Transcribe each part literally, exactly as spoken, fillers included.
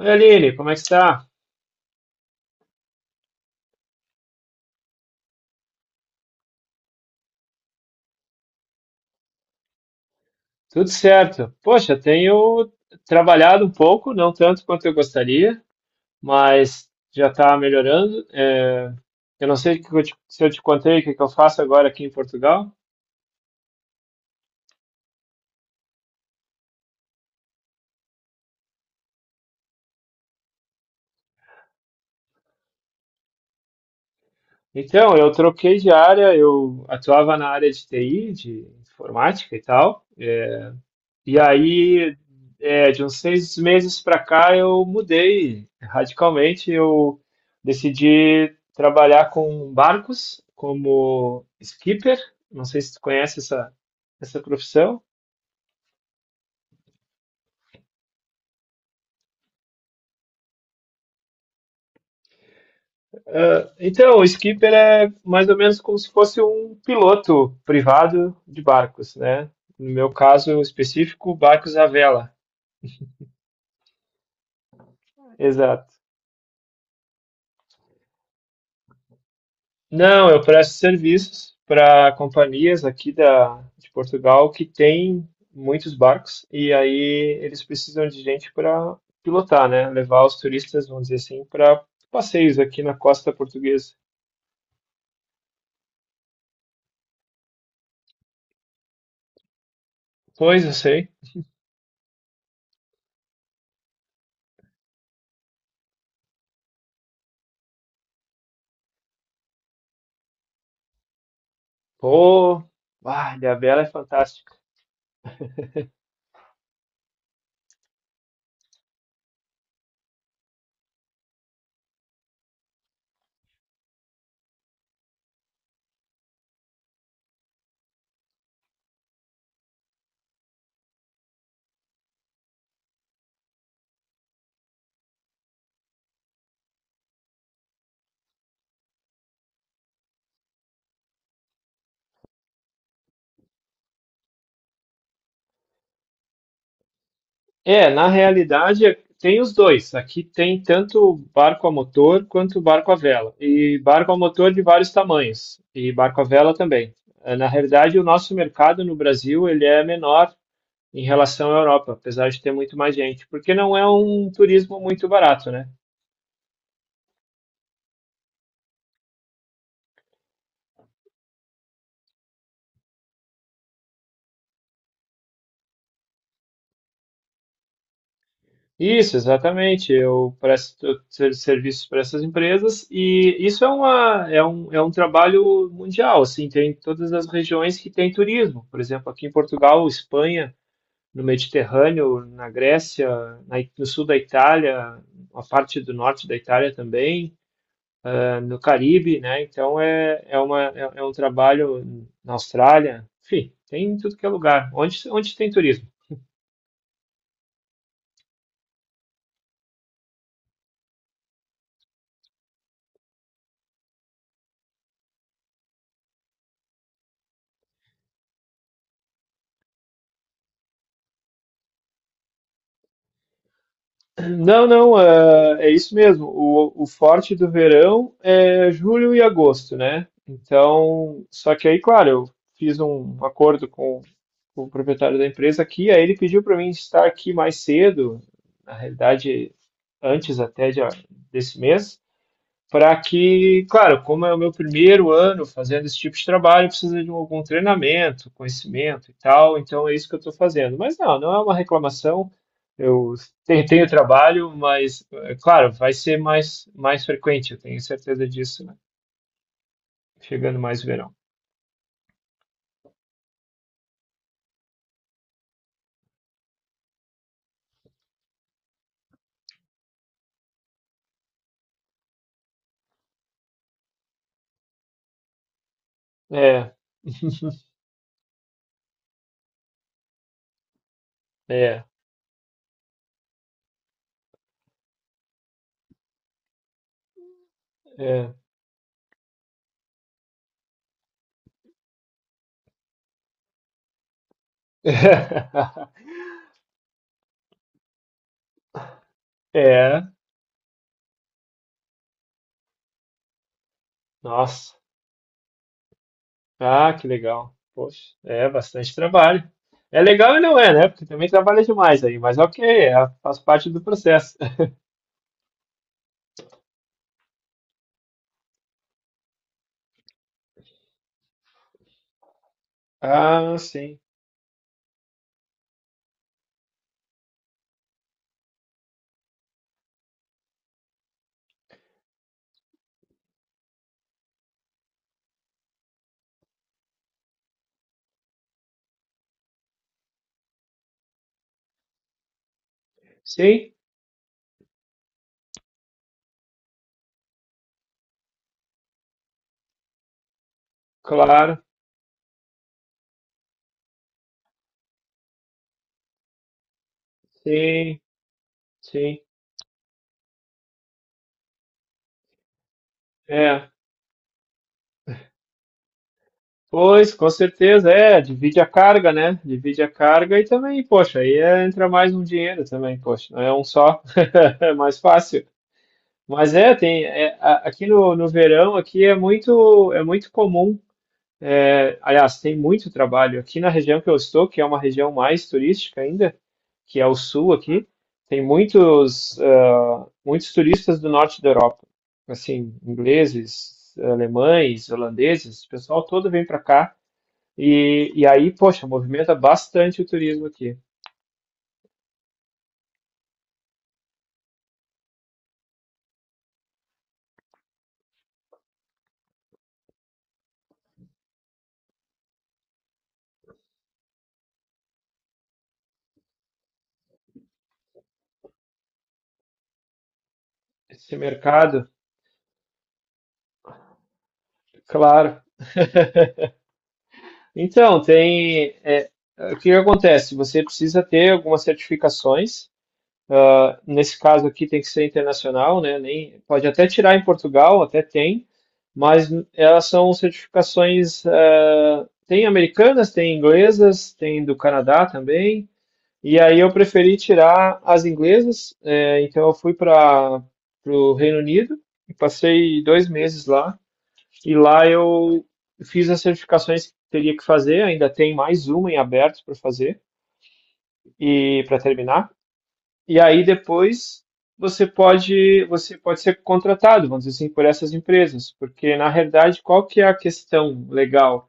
Oi, Aline, como é que está? Tudo certo. Poxa, tenho trabalhado um pouco, não tanto quanto eu gostaria, mas já está melhorando. É, eu não sei o que eu te- se eu te contei o que que eu faço agora aqui em Portugal. Então, eu troquei de área, eu atuava na área de T I, de informática e tal. E aí, é, de uns seis meses para cá, eu mudei radicalmente. Eu decidi trabalhar com barcos como skipper. Não sei se tu conhece essa, essa profissão. Ah, então, o skipper é mais ou menos como se fosse um piloto privado de barcos, né? No meu caso específico, barcos à vela. Exato. Não, eu presto serviços para companhias aqui da, de Portugal que têm muitos barcos, e aí eles precisam de gente para pilotar, né? Levar os turistas, vamos dizer assim, para passeios aqui na costa portuguesa. Pois eu sei. Pô, ah, Ilhabela é fantástica. É, na realidade é- tem os dois. Aqui tem tanto barco a motor quanto barco a vela. E barco a motor de vários tamanhos. E barco a vela também. Eh, Na realidade, o nosso mercado no Brasil ele é menor em relação à Europa, apesar de ter muito mais gente, porque não é um turismo muito barato, né? Isso, exatamente. Eu presto ser- serviços para essas empresas, e isso é uma, é um, é um trabalho mundial, assim, tem todas as regiões que tem turismo. Por exemplo, aqui em Portugal, Espanha, no Mediterrâneo, na Grécia, na, no sul da Itália, a parte do norte da Itália também, eh, no Caribe, né? Então é, é, uma, é, é um trabalho na Austrália, enfim, tem em tudo que é lugar. Onde, onde tem turismo? Não, não, é, é isso mesmo. O, o forte do verão é julho e agosto, né? Então, só que aí, claro, eu fiz um acordo com o proprietário da empresa aqui, aí ele pediu para mim estar aqui mais cedo. Na realidade, antes até de- desse mês, para que, claro, como é o meu primeiro ano fazendo esse tipo de trabalho, precisa de um- algum treinamento, conhecimento e tal, então é isso que eu estou fazendo. Mas não, não é uma reclamação, eu te- tenho trabalho, mas, é claro, vai ser mais, mais frequente, eu tenho certeza disso, né? Chegando mais verão. É, é, é. É, nossa. Ah, que legal. Poxa, é bastante trabalho. É legal e não é, né? Porque também trabalha demais aí, mas ok, é, faz parte do processo. Ah, sim. Sim, claro. Sim, sim. É. Pois, com certeza, é, divide a carga, né? Divide a carga, e também, poxa, aí é, entra mais um dinheiro também, poxa, não é um só, é mais fácil. Mas é, tem, é, a- aqui no, no verão, aqui é muito, é muito comum. É, aliás, tem muito trabalho. Aqui na região que eu estou, que é uma região mais turística ainda, que é o sul aqui, tem muitos, ah, muitos turistas do norte da Europa. Assim, ingleses, alemães, holandeses, o pessoal todo vem para cá. E, e aí, poxa, movimenta bastante o turismo aqui. Esse mercado, claro. Então, tem. é, o que que acontece? Você precisa ter algumas certificações. Ah, nesse caso aqui tem que ser internacional, né? Nem, pode até tirar em Portugal, até tem, mas elas são certificações, ah, tem americanas, tem inglesas, tem do Canadá também. E aí eu preferi tirar as inglesas. Eh, então eu fui para o Reino Unido e passei dois meses lá. E lá eu fiz as certificações que teria que fazer, ainda tem mais uma em aberto para fazer e para terminar. E aí depois você pode, você pode ser contratado, vamos dizer assim, por essas empresas, porque na realidade qual que é a questão legal?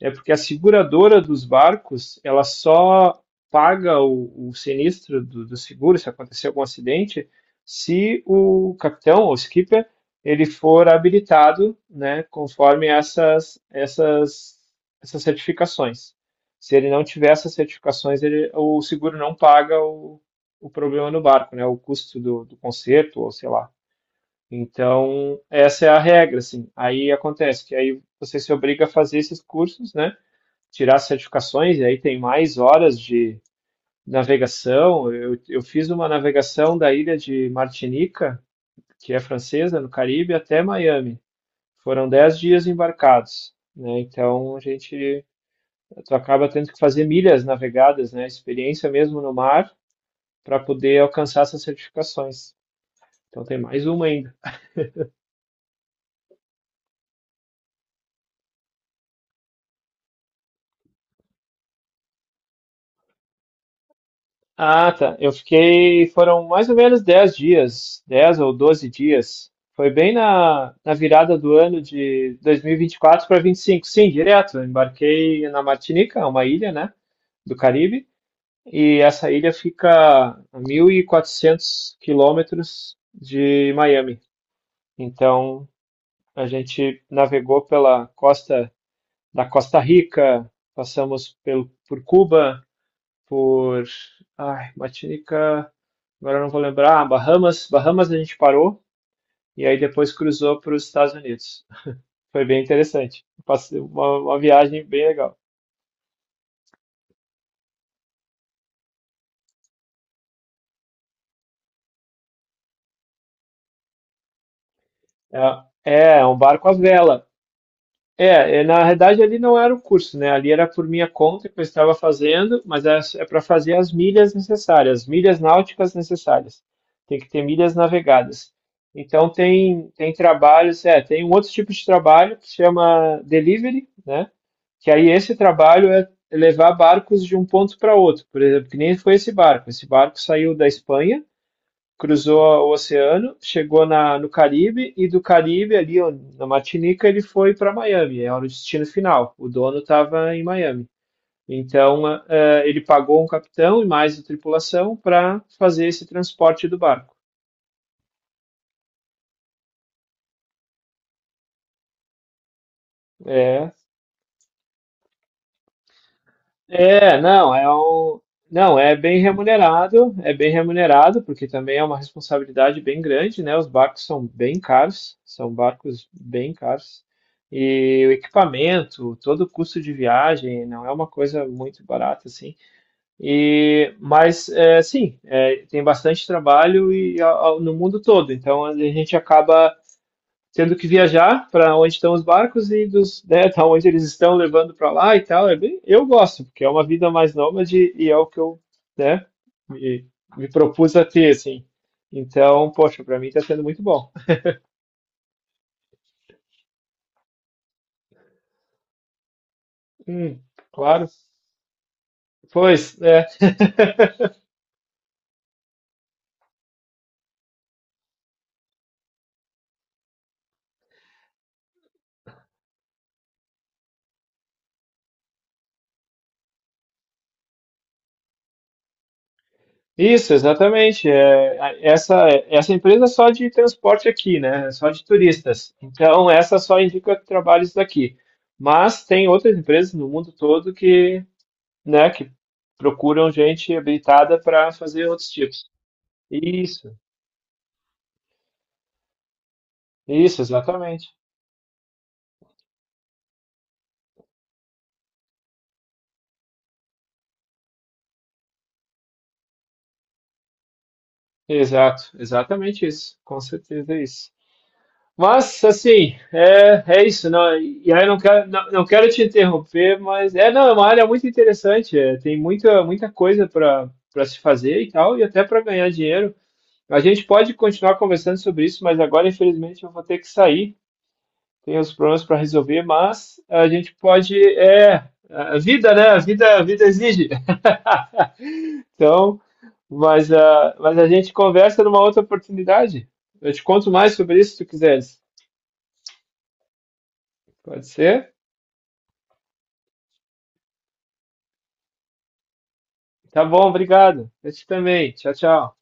É porque a seguradora dos barcos, ela só paga o, o sinistro do, do seguro, se acontecer algum acidente, se o capitão ou skipper ele for habilitado, né, conforme essas, essas, essas certificações. Se ele não tiver essas certificações, ele, o seguro não paga o, o problema no barco, né, o custo do, do conserto, ou sei lá. Então, essa é a regra, assim. Aí acontece que aí você se obriga a fazer esses cursos, né, tirar certificações, e aí tem mais horas de navegação. Eu, eu fiz uma navegação da ilha de Martinica, que é francesa, no Caribe, até Miami. Foram dez dias embarcados. Né? Então a gente tu acaba tendo que fazer milhas navegadas, né? Experiência mesmo no mar, para poder alcançar essas certificações. Então tem mais uma ainda. Ah, tá. Eu fiquei, foram mais ou menos dez dias, dez ou doze dias. Foi bem na, na virada do ano de dois mil e e vinte e quatro para vinte e cinco. Sim, direto. Eu embarquei na Martinica, uma ilha, né, do Caribe. E essa ilha fica a mil e quatrocentos quilômetros de Miami. Então, a gente navegou pela costa da Costa Rica, passamos pelo, por Cuba, por, ai, Martinica. Agora eu não vou lembrar. Ah, Bahamas, Bahamas a gente parou, e aí depois cruzou para os Estados Unidos. Foi bem interessante. Passei uma, uma viagem bem legal. É, é um barco à vela. É, é, na verdade ali não era o curso, né? Ali era por minha conta que eu estava fazendo, mas é, é para fazer as milhas necessárias, as milhas náuticas necessárias. Tem que ter milhas navegadas. Então tem tem trabalhos. É, tem um outro tipo de trabalho que se chama delivery, né? Que aí esse trabalho é levar barcos de um ponto para outro. Por exemplo, que nem foi esse barco. Esse barco saiu da Espanha, cruzou o oceano, chegou na, no Caribe, e do Caribe ali ó, na Martinica, ele foi para Miami, era o destino final. O dono estava em Miami. Então ah, ah, ele pagou um capitão e mais a tripulação para fazer esse transporte do barco. É É, não, é um, não, é bem remunerado, é bem remunerado, porque também é uma responsabilidade bem grande, né? Os barcos são bem caros, são barcos bem caros. E o equipamento, todo o custo de viagem, não é uma coisa muito barata, assim. E, mas, é, sim, é, tem bastante trabalho, e ao- ao- no mundo todo. Então, a gente acaba tendo que viajar para onde estão os barcos e dos, né, tá onde eles estão levando para lá e tal. É bem, eu gosto, porque é uma vida mais nômade, e é o que eu, né, me, me propus a ter, assim. Então, poxa, para mim está sendo muito bom. Hum, claro. Pois, é. Isso, exatamente. É, a- essa, essa empresa é só de transporte aqui, né? É só de turistas. Então, essa só indica trabalhos daqui. Mas tem outras empresas no mundo todo que, né, que procuram gente habilitada para fazer outros tipos. Isso, isso, exatamente. Exato, exatamente isso. Com certeza é isso. Mas, assim, é, é isso. Não, e aí eu não quero, não, não quero te interromper, mas é, não, é uma área muito interessante. É, tem muita, muita coisa para para se fazer e tal, e até para ganhar dinheiro. A gente pode continuar conversando sobre isso, mas agora, infelizmente, eu vou ter que sair. Tem os problemas para resolver, mas a gente pode, é, a vida, né? A vida, a vida exige. Então, mas a, mas a gente conversa numa outra oportunidade. Eu te conto mais sobre isso se tu quiseres. Pode ser? Tá bom, obrigado. Eu te também. Tchau, tchau.